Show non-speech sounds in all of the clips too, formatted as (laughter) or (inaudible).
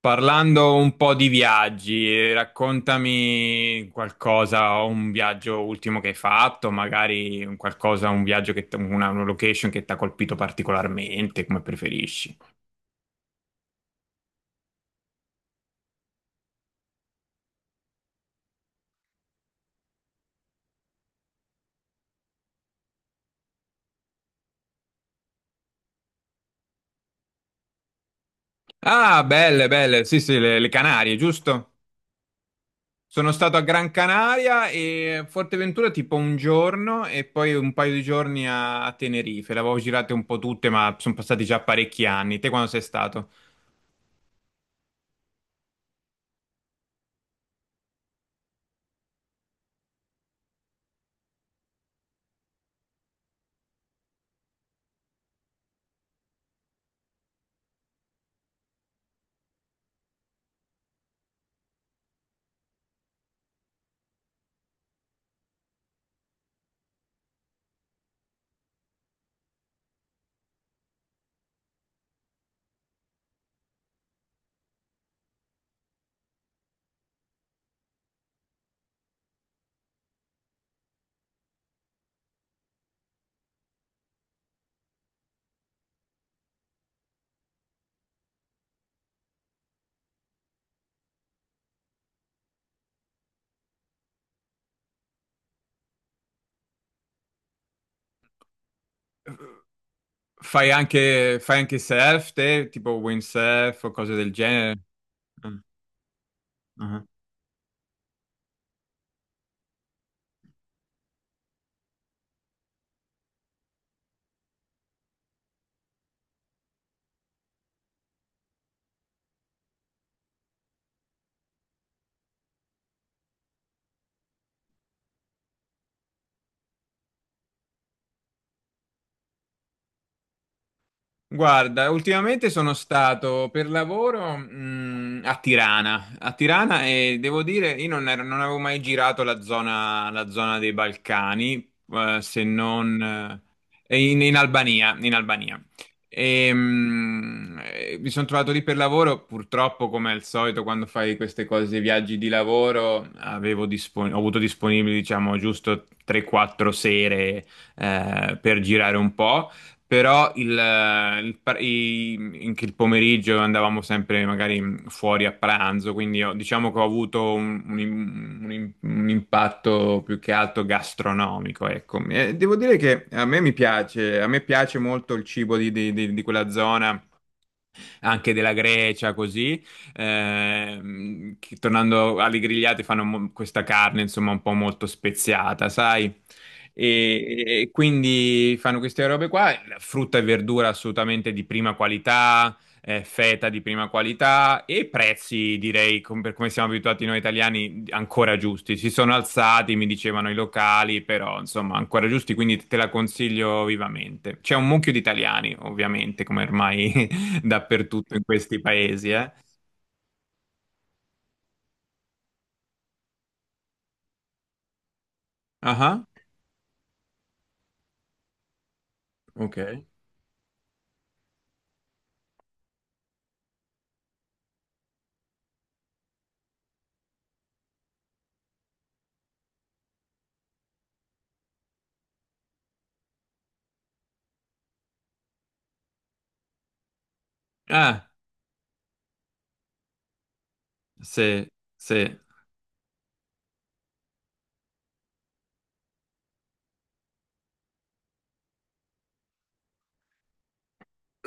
Parlando un po' di viaggi, raccontami qualcosa, un viaggio ultimo che hai fatto, magari un qualcosa, un viaggio una location che ti ha colpito particolarmente, come preferisci. Ah, belle, belle, sì, sì, le Canarie, giusto? Sono stato a Gran Canaria e a Forteventura tipo un giorno e poi un paio di giorni a Tenerife. Le avevo girate un po' tutte, ma sono passati già parecchi anni. Te quando sei stato? Fai anche surf te, tipo windsurf o cose del genere? Ah, ah. Guarda, ultimamente sono stato per lavoro, a Tirana, e devo dire, io non, ero- non avevo mai girato la zona, dei Balcani, se non in Albania, Mi sono trovato lì per lavoro, purtroppo come al solito quando fai queste cose, viaggi di lavoro, ho avuto disponibili diciamo giusto 3-4 sere per girare un po'. Però il par- i- in che il pomeriggio andavamo sempre magari fuori a pranzo, quindi diciamo che ho avuto un impatto più che altro gastronomico, ecco. E devo dire che a me piace molto il cibo di quella zona anche della Grecia, così. Che, tornando alle grigliate, fanno questa carne, insomma, un po' molto speziata, sai? E quindi fanno queste robe qua, frutta e verdura assolutamente di prima qualità, feta di prima qualità e prezzi, direi, per come siamo abituati noi italiani, ancora giusti. Si sono alzati, mi dicevano i locali, però insomma, ancora giusti, quindi te la consiglio vivamente. C'è un mucchio di italiani, ovviamente, come ormai (laughs) dappertutto in questi paesi, eh. Ah, ok. Ah, sì, sì.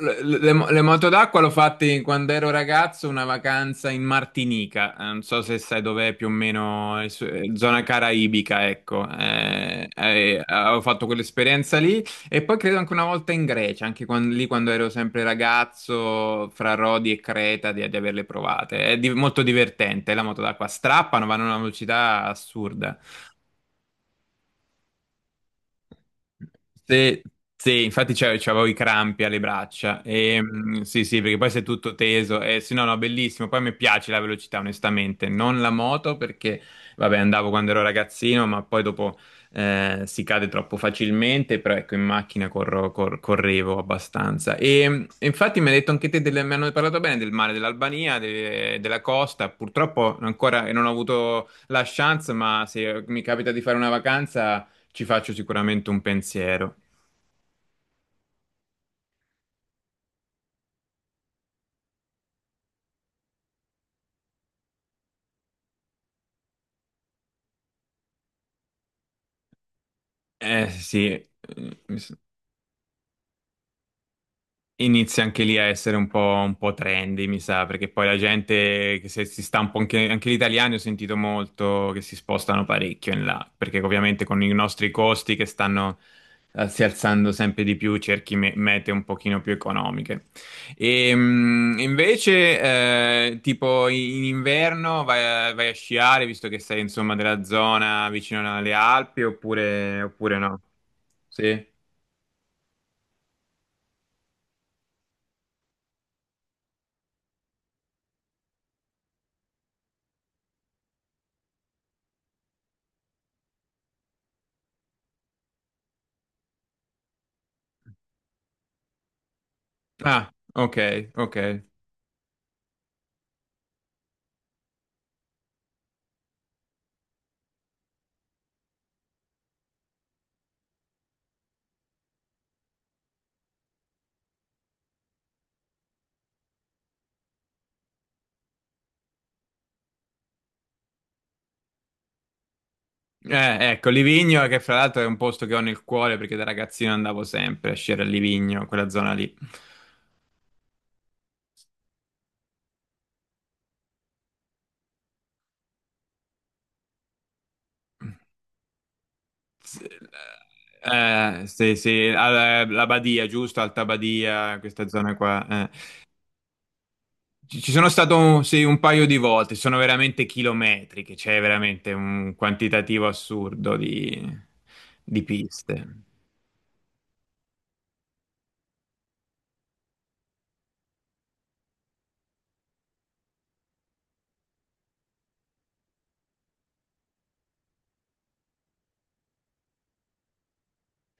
Le, le- le moto d'acqua l'ho fatte quando ero ragazzo, una vacanza in Martinica. Non so se sai dov'è più o meno, zona caraibica, ecco. Avevo fatto quell'esperienza lì e poi credo anche una volta in Grecia, anche lì quando ero sempre ragazzo, fra Rodi e Creta, di averle provate. È molto divertente, la moto d'acqua strappano, vanno a una velocità assurda. Se- sì, infatti c'avevo i crampi alle braccia. Sì, sì, perché poi sei tutto teso. E, sì, no, no, bellissimo. Poi mi piace la velocità, onestamente. Non la moto perché, vabbè, andavo quando ero ragazzino, ma poi dopo si cade troppo facilmente. Però ecco, in macchina correvo abbastanza. Infatti mi hai detto anche te, mi hanno parlato bene del mare dell'Albania, della costa. Purtroppo ancora non ho avuto la chance, ma se mi capita di fare una vacanza ci faccio sicuramente un pensiero. Eh sì, mi s- inizia anche lì a essere un po' trendy, mi sa, perché poi la gente che si sta un po' anche gli italiani ho sentito molto che si spostano parecchio in là, perché ovviamente con i nostri costi che stanno si alzando sempre di più, cerchi mete un pochino più economiche. Invece, tipo in inverno vai a sciare, visto che sei insomma della zona vicino alle Alpi, oppure no? Sì? Ah, ok, ok. Ecco, Livigno, che fra l'altro è un posto che ho nel cuore perché da ragazzino andavo sempre a sciare a Livigno, quella zona lì. S- sì, sì, la Badia, giusto? Alta Badia, questa zona qua, eh. Ci sono stato, sì, un paio di volte, sono veramente chilometriche, c'è veramente un quantitativo assurdo di, piste.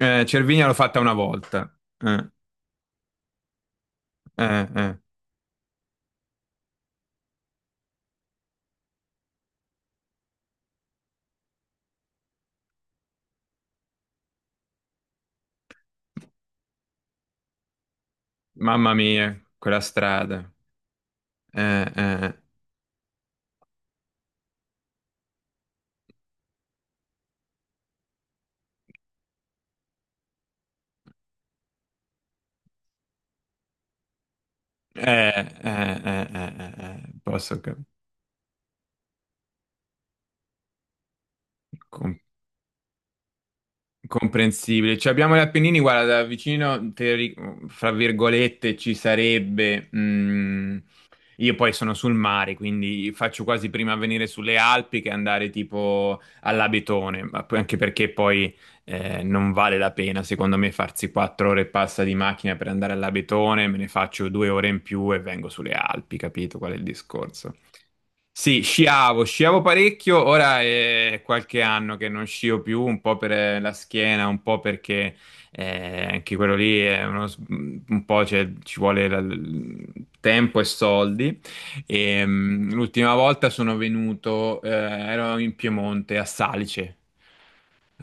Cervinia l'ho fatta una volta. Eh, eh. Mamma mia, quella strada. Eh. Eh, eh, eh, eh, eh, eh, posso cap- com- comprensibile. Cioè, abbiamo gli Appennini, guarda, da vicino, fra virgolette, ci sarebbe. Io poi sono sul mare, quindi faccio quasi prima a venire sulle Alpi che andare tipo all'Abetone, anche perché poi non vale la pena, secondo me, farsi 4 ore e passa di macchina per andare all'Abetone, me ne faccio 2 ore in più e vengo sulle Alpi, capito qual è il discorso? Sì, sciavo parecchio, ora è qualche anno che non scio più, un po' per la schiena, un po' perché anche quello lì è uno, un po' cioè, ci vuole tempo e soldi. L'ultima volta sono venuto, ero in Piemonte, a Salice,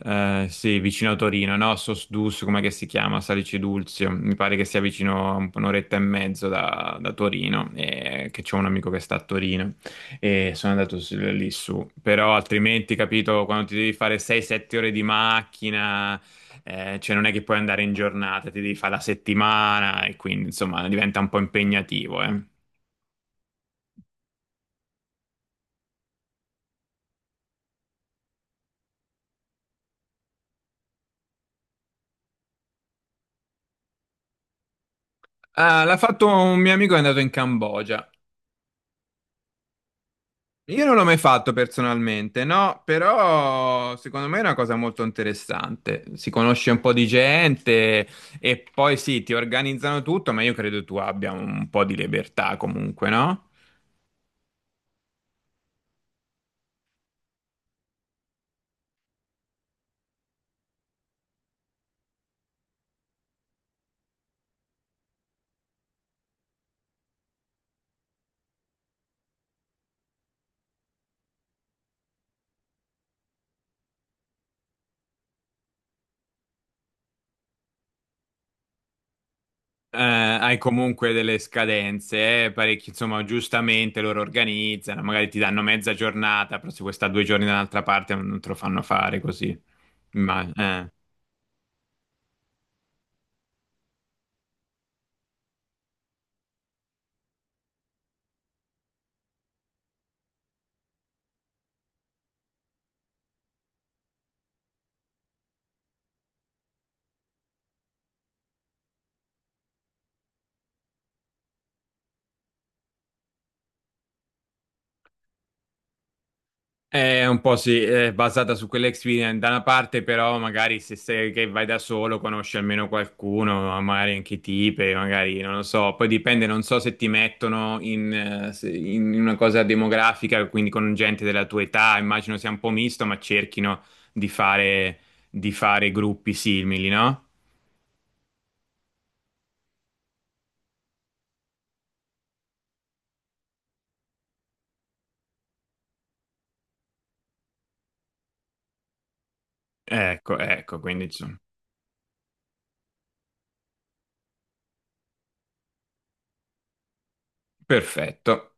sì, vicino a Torino, no? Sosdus, come che si chiama? Salice Dulzio. Mi pare che sia vicino a un'oretta e mezzo da Torino, e che c'è un amico che sta a Torino e sono andato lì su. Però altrimenti, capito, quando ti devi fare 6-7 ore di macchina, cioè non è che puoi andare in giornata, ti devi fare la settimana e quindi insomma diventa un po' impegnativo, eh. Ah, l'ha fatto un mio amico che è andato in Cambogia. Io non l'ho mai fatto personalmente, no, però secondo me è una cosa molto interessante. Si conosce un po' di gente e poi sì, ti organizzano tutto, ma io credo tu abbia un po' di libertà comunque, no? Hai comunque delle scadenze, parecchi, insomma, giustamente loro organizzano, magari ti danno mezza giornata, però se vuoi stare 2 giorni da un'altra parte non te lo fanno fare così. Ma, È un po' sì, è basata su quell'experience da una parte, però magari se sei che vai da solo conosci almeno qualcuno, magari anche tipe, magari non lo so, poi dipende, non so se ti mettono in, se- in una cosa demografica, quindi con gente della tua età, immagino sia un po' misto, ma cerchino di fare, di fare gruppi simili, no? Ecco, ecco, quindi insomma, perfetto.